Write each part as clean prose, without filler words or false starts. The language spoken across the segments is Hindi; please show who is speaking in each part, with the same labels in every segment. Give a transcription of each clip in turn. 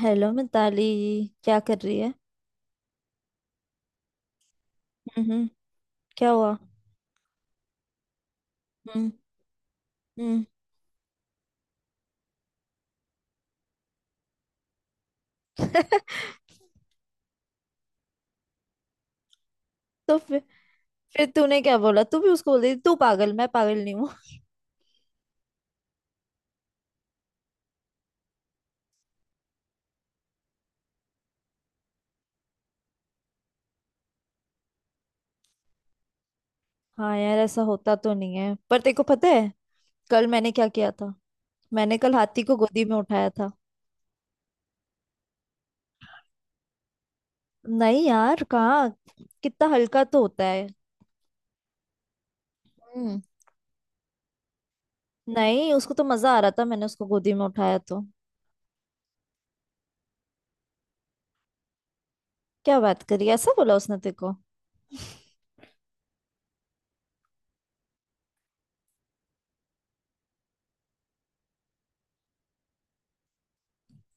Speaker 1: हेलो मिताली। क्या कर रही है? हम्म। क्या हुआ? हम्म। हम्म। तो फिर तूने क्या बोला, तू भी उसको बोल रही थी, तू पागल मैं पागल नहीं हूँ? हाँ यार, ऐसा होता तो नहीं है पर तेरे को पता है कल मैंने क्या किया था? मैंने कल हाथी को गोदी में उठाया था। नहीं यार, कहाँ। कितना हल्का तो होता है। हम्म। नहीं, उसको तो मजा आ रहा था, मैंने उसको गोदी में उठाया तो। क्या बात करी? ऐसा बोला उसने तेरे को?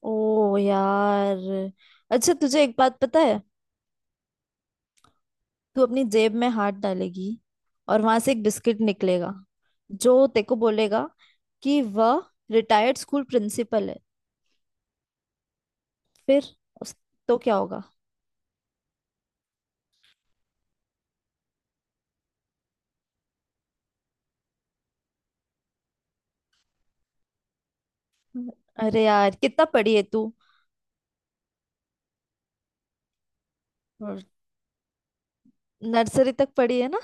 Speaker 1: ओ यार। अच्छा, तुझे एक बात पता है? तू अपनी जेब में हाथ डालेगी और वहां से एक बिस्किट निकलेगा जो तेरे को बोलेगा कि वह रिटायर्ड स्कूल प्रिंसिपल है। फिर उस तो क्या होगा? अरे यार कितना पढ़ी है तू? नर्सरी तक पढ़ी है ना?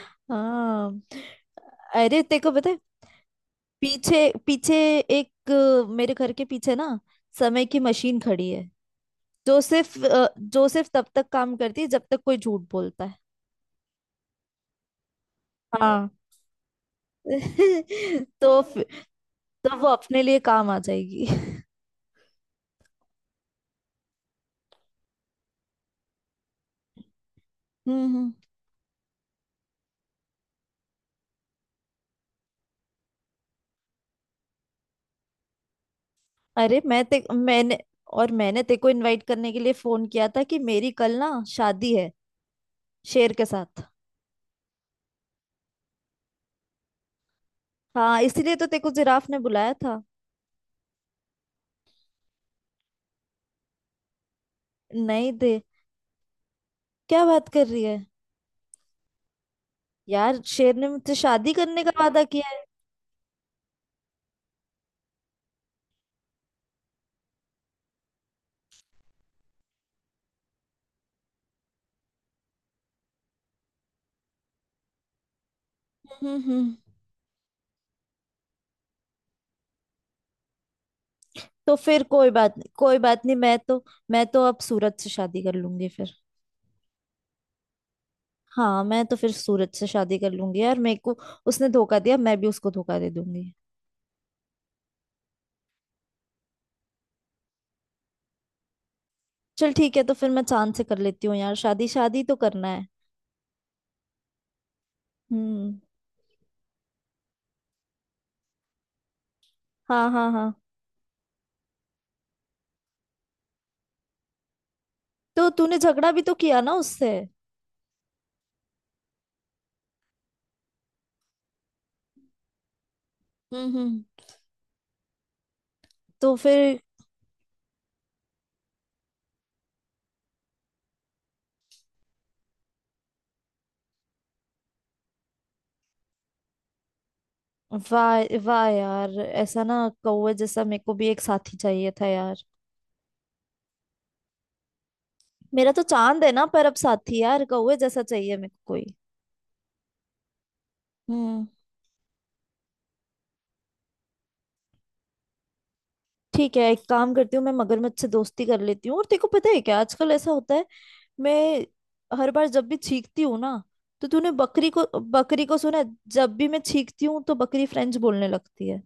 Speaker 1: हाँ। अरे तेरे को पता है पीछे पीछे एक मेरे घर के पीछे ना समय की मशीन खड़ी है, जो सिर्फ तब तक काम करती है जब तक कोई झूठ बोलता है। हाँ। तो फिर- तो वो अपने लिए काम आ जाएगी। हम्म। हम्म। अरे मैंने तेको को इनवाइट करने के लिए फोन किया था कि मेरी कल ना शादी है शेर के साथ। हाँ इसीलिए तो तेको जिराफ ने बुलाया था। नहीं दे। क्या बात कर रही है यार? शेर ने मुझसे शादी करने का वादा किया है। हम्म। हम्म। तो फिर कोई बात नहीं, कोई बात नहीं, मैं तो अब सूरज से शादी कर लूंगी फिर। हाँ, मैं तो फिर सूरज से शादी कर लूंगी यार। मेरे को उसने धोखा दिया, मैं भी उसको धोखा दे दूंगी। चल ठीक है, तो फिर मैं चांद से कर लेती हूँ यार, शादी शादी तो करना है। हम्म। हाँ, हाँ, हाँ। तो तूने झगड़ा भी तो किया ना उससे? हम्म। हम्म। तो फिर? वाह वाह यार, ऐसा ना कौवे जैसा मेरे को भी एक साथी चाहिए था यार। मेरा तो चांद है ना, पर अब साथी यार कौवे जैसा चाहिए मेरे को कोई। हम्म। ठीक है, एक काम करती हूँ मैं मगरमच्छ से दोस्ती कर लेती हूँ। और तेको पता है क्या आजकल ऐसा होता है? मैं हर बार जब भी छींकती हूँ ना तो तूने बकरी को सुना है? जब भी मैं छींकती हूँ तो बकरी फ्रेंच बोलने लगती है।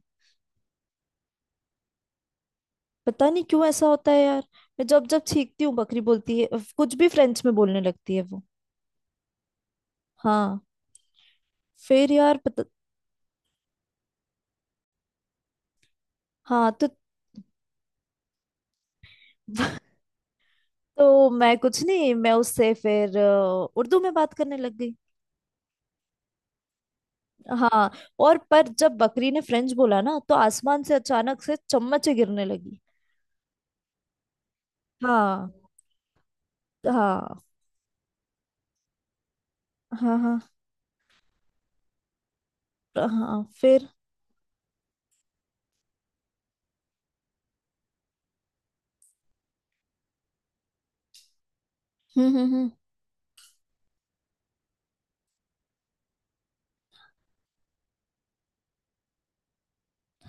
Speaker 1: पता नहीं क्यों ऐसा होता है यार। मैं जब जब छींकती हूँ बकरी बोलती है, कुछ भी फ्रेंच में बोलने लगती है वो। हाँ। फिर यार पता। हाँ तो। तो मैं कुछ नहीं, मैं उससे फिर उर्दू में बात करने लग गई। हाँ। और पर जब बकरी ने फ्रेंच बोला ना तो आसमान से अचानक से चम्मचें गिरने लगी। हाँ। हाँ, हाँ, हाँ, हाँ। फिर। हम्म, हम्म, हम्म।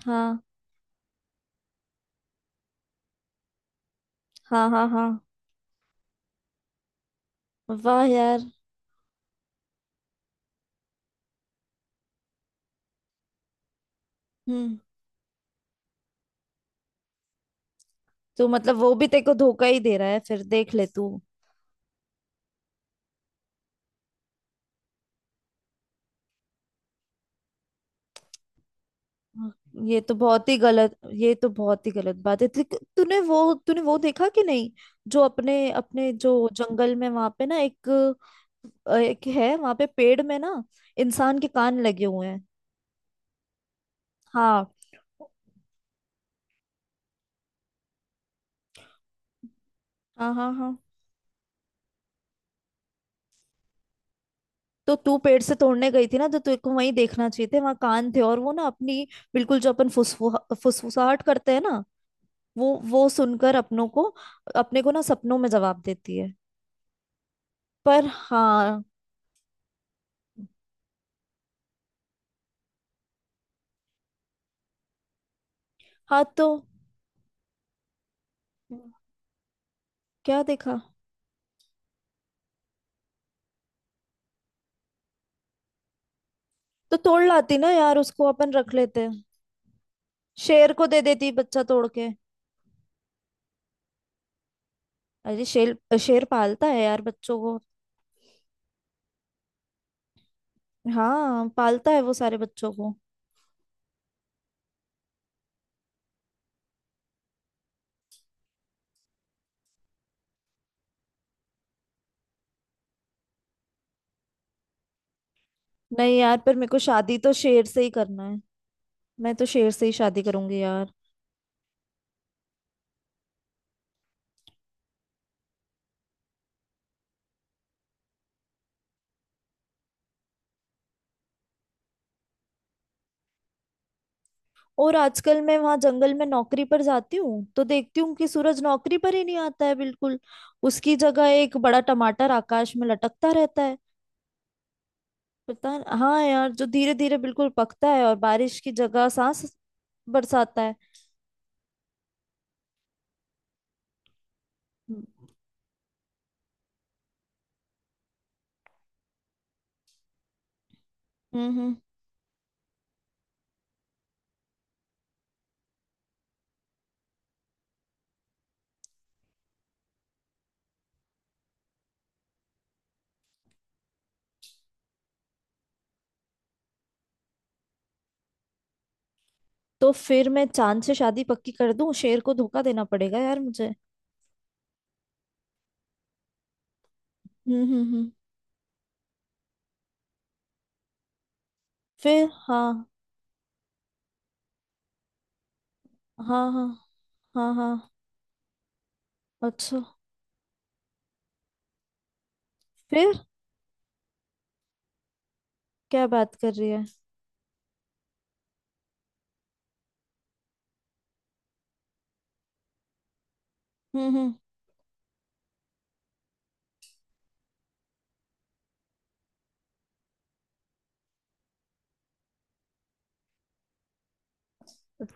Speaker 1: हाँ, हाँ, हाँ, हाँ। वाह यार। हम्म। तो मतलब वो भी तेरे को धोखा ही दे रहा है, फिर देख ले तू। हाँ। ये तो बहुत ही गलत, ये तो बहुत ही गलत बात है। तूने वो देखा कि नहीं, जो अपने अपने जो जंगल में वहां पे ना एक, एक है वहां पे पेड़ में ना, इंसान के कान लगे हुए हैं। हाँ। हाँ, हाँ, हाँ। तो तू पेड़ से तोड़ने गई थी ना तो तेरे को वहीं देखना चाहिए थे, वहां कान थे और वो ना अपनी बिल्कुल जो अपन फुसफुसाहट करते हैं ना वो सुनकर अपनों को अपने को ना सपनों में जवाब देती है। पर हाँ। हाँ तो क्या देखा? तो तोड़ लाती ना यार उसको, अपन रख लेते हैं। शेर को दे देती बच्चा तोड़ के। अरे शेर शेर पालता है यार बच्चों को। हाँ पालता है वो सारे बच्चों को। नहीं यार पर मेरे को शादी तो शेर से ही करना। मैं तो शेर से ही शादी करूंगी यार। और आजकल मैं वहां जंगल में नौकरी पर जाती हूँ तो देखती हूँ कि सूरज नौकरी पर ही नहीं आता है बिल्कुल। उसकी जगह एक बड़ा टमाटर आकाश में लटकता रहता है। पता। हाँ यार, जो धीरे धीरे बिल्कुल पकता है और बारिश की जगह सांस बरसाता है। हम्म। हम्म। तो फिर मैं चांद से शादी पक्की कर दूं? शेर को धोखा देना पड़ेगा यार मुझे। हम्म, हम्म, हम्म। फिर। हाँ, हाँ, हाँ, हाँ, हाँ। अच्छा। फिर क्या बात कर रही है? हम्म। हम्म।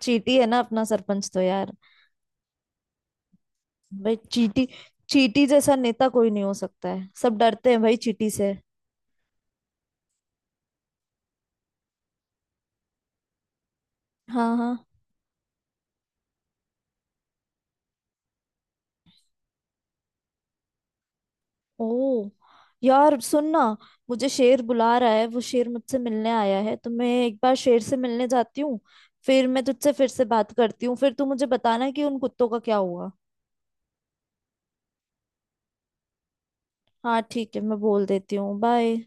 Speaker 1: चीटी है ना अपना सरपंच तो यार। भाई चीटी चीटी जैसा नेता कोई नहीं हो सकता है, सब डरते हैं भाई चीटी से। हाँ। हाँ। ओ यार सुन ना, मुझे शेर बुला रहा है, वो शेर मुझसे मिलने आया है तो मैं एक बार शेर से मिलने जाती हूँ। फिर मैं तुझसे फिर से बात करती हूँ, फिर तू मुझे बताना कि उन कुत्तों का क्या हुआ। हाँ ठीक है, मैं बोल देती हूँ। बाय।